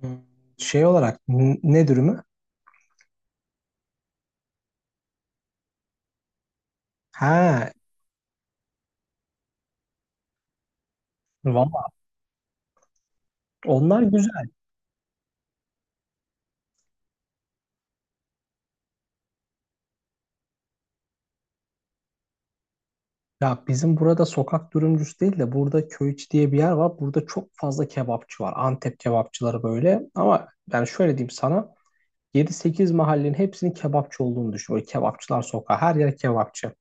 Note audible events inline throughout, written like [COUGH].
Hmm, Şey olarak ne dürümü? Ha, valla onlar güzel. Ya bizim burada sokak dürümcüsü değil de burada Köyiç diye bir yer var. Burada çok fazla kebapçı var. Antep kebapçıları böyle. Ama ben şöyle diyeyim sana. Yedi sekiz mahallenin hepsinin kebapçı olduğunu düşün. Böyle kebapçılar sokağı. Her yer kebapçı.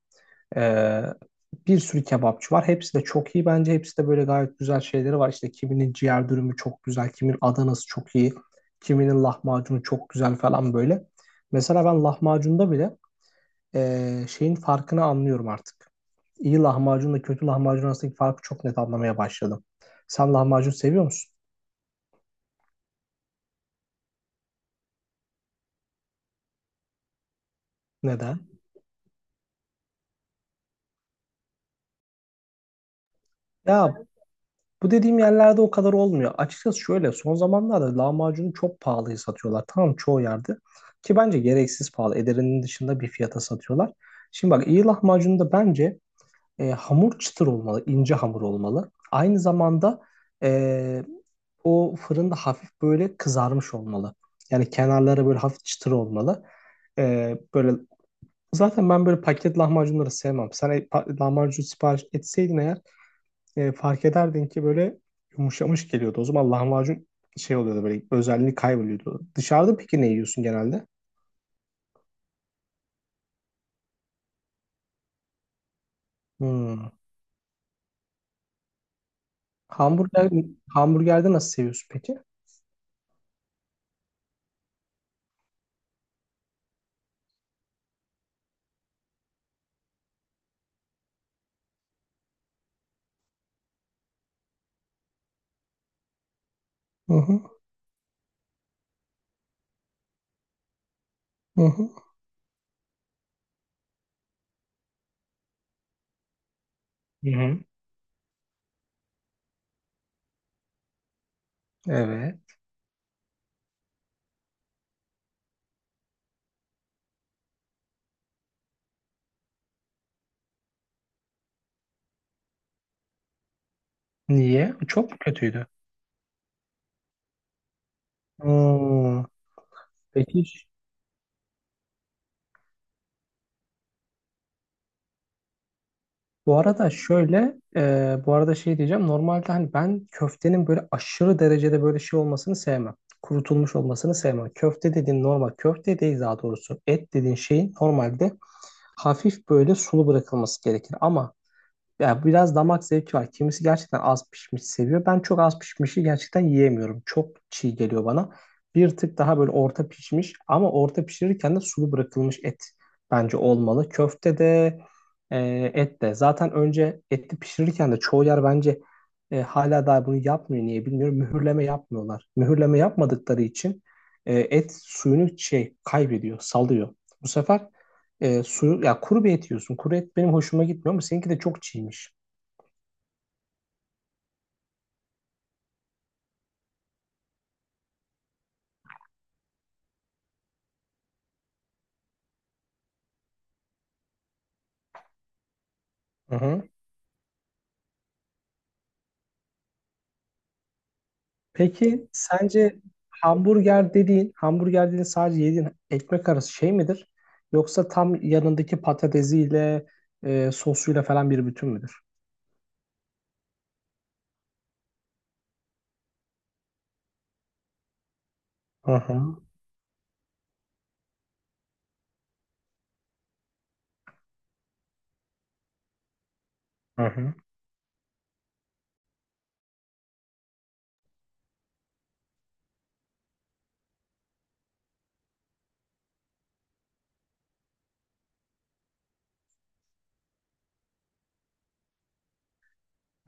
Ee, Bir sürü kebapçı var. Hepsi de çok iyi bence. Hepsi de böyle gayet güzel şeyleri var. İşte kiminin ciğer dürümü çok güzel, kiminin Adanası çok iyi, kiminin lahmacunu çok güzel falan böyle. Mesela ben lahmacunda bile şeyin farkını anlıyorum artık. İyi lahmacunla kötü lahmacun arasındaki farkı çok net anlamaya başladım. Sen lahmacun seviyor musun? Neden? Ya bu dediğim yerlerde o kadar olmuyor. Açıkçası şöyle son zamanlarda lahmacunu çok pahalıya satıyorlar. Tamam çoğu yerde. Ki bence gereksiz pahalı. Ederinin dışında bir fiyata satıyorlar. Şimdi bak iyi lahmacun da bence hamur çıtır olmalı. İnce hamur olmalı. Aynı zamanda e, o fırında hafif böyle kızarmış olmalı. Yani kenarları böyle hafif çıtır olmalı. Böyle zaten ben böyle paket lahmacunları sevmem. Sen lahmacun sipariş etseydin eğer fark ederdin ki böyle yumuşamış geliyordu. O zaman lahmacun şey oluyordu böyle, özelliği kayboluyordu. Dışarıda peki ne yiyorsun genelde? Hmm. Hamburger, hamburgerde nasıl seviyorsun peki? Hı hı, hı hı. Hı hı. Evet. Niye? Çok mu kötüydü? Hmm. Peki bu arada şöyle, bu arada şey diyeceğim. Normalde hani ben köftenin böyle aşırı derecede böyle şey olmasını sevmem. Kurutulmuş olmasını sevmem. Köfte dediğin normal, köfte değil daha doğrusu. Et dediğin şeyin normalde hafif böyle sulu bırakılması gerekir. Ama ya biraz damak zevki var. Kimisi gerçekten az pişmiş seviyor. Ben çok az pişmişi gerçekten yiyemiyorum. Çok çiğ geliyor bana. Bir tık daha böyle orta pişmiş ama orta pişirirken de sulu bırakılmış et bence olmalı. Köfte de e, et de. Zaten önce eti pişirirken de çoğu yer bence hala daha bunu yapmıyor. Niye bilmiyorum. Mühürleme yapmıyorlar. Mühürleme yapmadıkları için et suyunu şey kaybediyor, salıyor. Bu sefer suyu ya kuru bir et yiyorsun. Kuru et benim hoşuma gitmiyor ama seninki de çok çiğmiş. Hı hı. Peki sence hamburger dediğin, hamburger dediğin sadece yediğin ekmek arası şey midir? Yoksa tam yanındaki patatesiyle, sosuyla falan bir bütün müdür? Hı hı. Hı hı.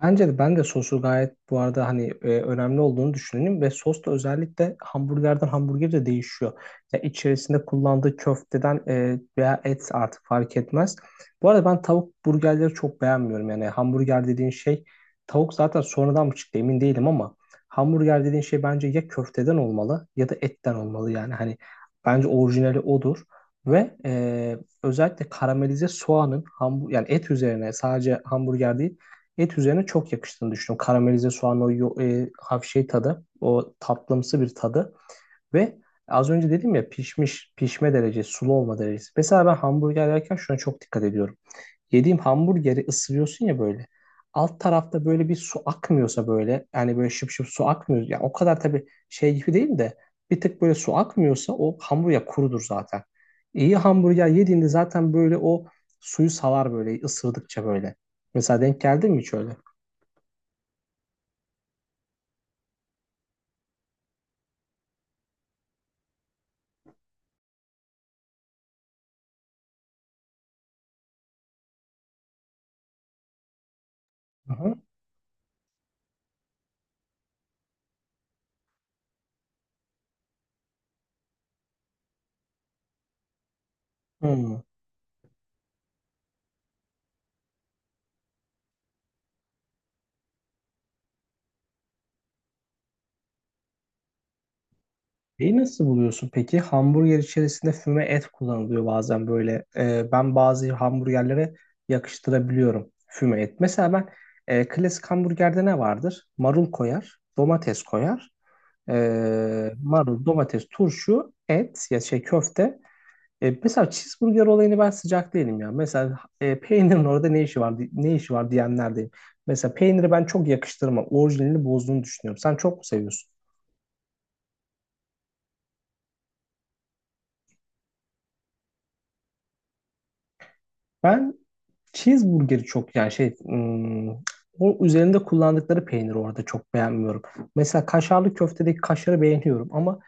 Bence de ben de sosu gayet bu arada hani önemli olduğunu düşünüyorum ve sos da özellikle hamburgerden hamburger de değişiyor. Ya içerisinde kullandığı köfteden veya et artık fark etmez. Bu arada ben tavuk burgerleri çok beğenmiyorum. Yani hamburger dediğin şey tavuk zaten sonradan mı çıktı emin değilim, ama hamburger dediğin şey bence ya köfteden olmalı ya da etten olmalı, yani hani bence orijinali odur. Ve özellikle karamelize soğanın yani et üzerine sadece hamburger değil, et üzerine çok yakıştığını düşünüyorum. Karamelize soğan o hafif şey tadı, o tatlımsı bir tadı ve az önce dedim ya pişmiş, pişme derecesi, sulu olma derecesi. Mesela ben hamburger yerken şuna çok dikkat ediyorum. Yediğim hamburgeri ısırıyorsun ya böyle. Alt tarafta böyle bir su akmıyorsa böyle, yani böyle şıp şıp su akmıyor. Yani o kadar tabii şey gibi değil de bir tık böyle su akmıyorsa o hamburger kurudur zaten. İyi hamburger yediğinde zaten böyle o suyu salar böyle ısırdıkça böyle. Mesela denk geldi mi hiç öyle? Aha. Hmm. Şeyi nasıl buluyorsun peki? Hamburger içerisinde füme et kullanılıyor bazen böyle. Ben bazı hamburgerlere yakıştırabiliyorum füme et. Mesela ben klasik hamburgerde ne vardır? Marul koyar, domates koyar. Marul, domates, turşu, et ya şey köfte. Mesela cheeseburger olayını ben sıcak değilim ya. Mesela peynirin orada ne işi var ne işi var diyenlerdeyim. Mesela peyniri ben çok yakıştırmam. Orijinalini bozduğunu düşünüyorum. Sen çok mu seviyorsun? Ben cheeseburgeri çok yani şey o üzerinde kullandıkları peyniri orada çok beğenmiyorum. Mesela kaşarlı köftedeki kaşarı beğeniyorum ama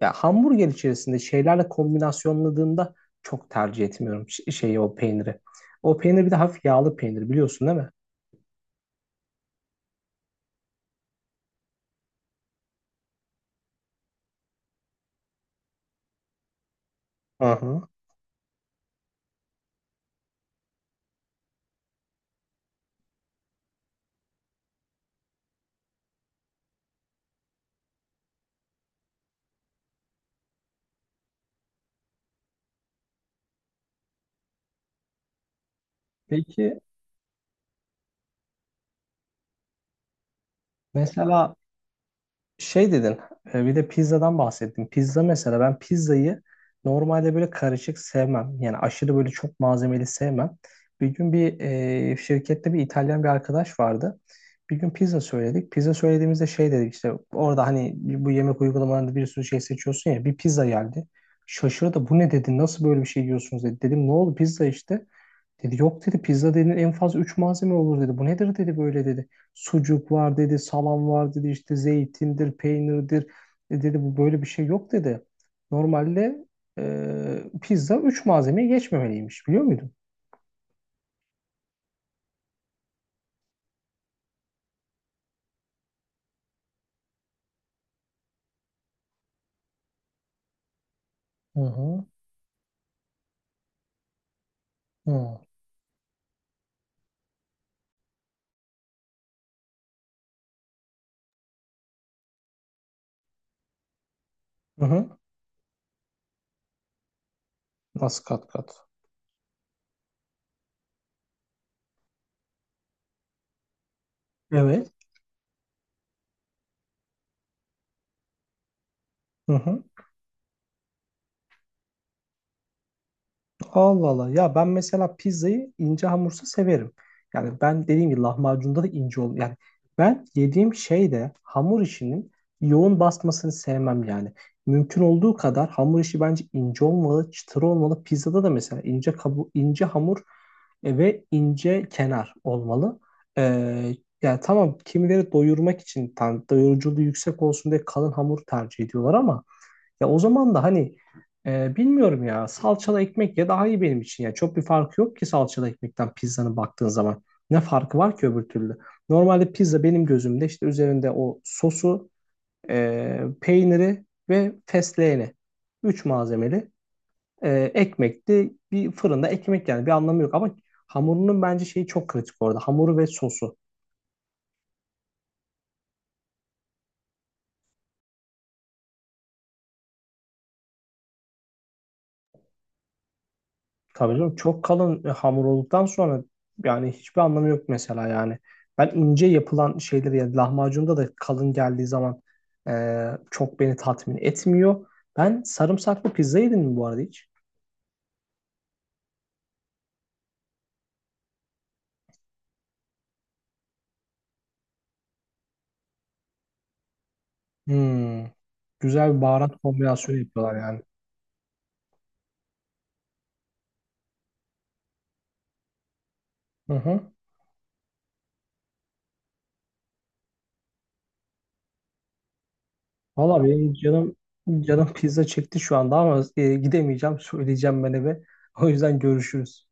ya hamburger içerisinde şeylerle kombinasyonladığında çok tercih etmiyorum şeyi, o peyniri. O peynir bir de hafif yağlı peynir biliyorsun değil mi? Aha. Peki mesela şey dedin, bir de pizzadan bahsettin. Pizza mesela, ben pizzayı normalde böyle karışık sevmem. Yani aşırı böyle çok malzemeli sevmem. Bir gün bir şirkette bir İtalyan bir arkadaş vardı. Bir gün pizza söyledik. Pizza söylediğimizde şey dedik işte, orada hani bu yemek uygulamalarında bir sürü şey seçiyorsun ya, bir pizza geldi. Şaşırdı, bu ne dedi, nasıl böyle bir şey yiyorsunuz dedi. Dedim ne oldu, pizza işte. Dedi yok dedi, pizza dedi en fazla 3 malzeme olur dedi. Bu nedir dedi böyle dedi. Sucuk var dedi, salam var dedi, işte zeytindir, peynirdir. E dedi, bu böyle bir şey yok dedi. Normalde pizza üç malzemeyi geçmemeliymiş, biliyor muydun? Hı hı. Hı hı. Hı. Nasıl kat kat? Evet. Hı hı. Allah Allah. Ya ben mesela pizzayı ince hamursa severim. Yani ben dediğim gibi lahmacunda da ince ol. Yani ben yediğim şeyde hamur işinin yoğun basmasını sevmem yani. Mümkün olduğu kadar hamur işi bence ince olmalı, çıtır olmalı. Pizzada da mesela ince ince hamur ve ince kenar olmalı. Ee, Yani tamam, kimileri doyurmak için tam doyuruculuğu yüksek olsun diye kalın hamur tercih ediyorlar ama ya o zaman da hani bilmiyorum ya, salçalı ekmek ya daha iyi benim için ya. Çok bir farkı yok ki salçalı ekmekten pizzanın, baktığın zaman. Ne farkı var ki öbür türlü? Normalde pizza benim gözümde işte üzerinde o sosu, peyniri ve fesleğeni. Üç malzemeli. Ekmekti. Bir fırında ekmek yani, bir anlamı yok ama hamurunun bence şeyi çok kritik orada. Hamuru ve sosu. Tabii canım, çok kalın hamur olduktan sonra yani hiçbir anlamı yok mesela yani. Ben ince yapılan şeyleri, ya lahmacunda da kalın geldiği zaman çok beni tatmin etmiyor. Ben sarımsaklı pizza yedim mi bu arada hiç? Hmm. Güzel bir baharat kombinasyonu yapıyorlar yani. Hı hı. Valla benim canım pizza çekti şu anda ama gidemeyeceğim. Söyleyeceğim ben eve. [LAUGHS] O yüzden görüşürüz.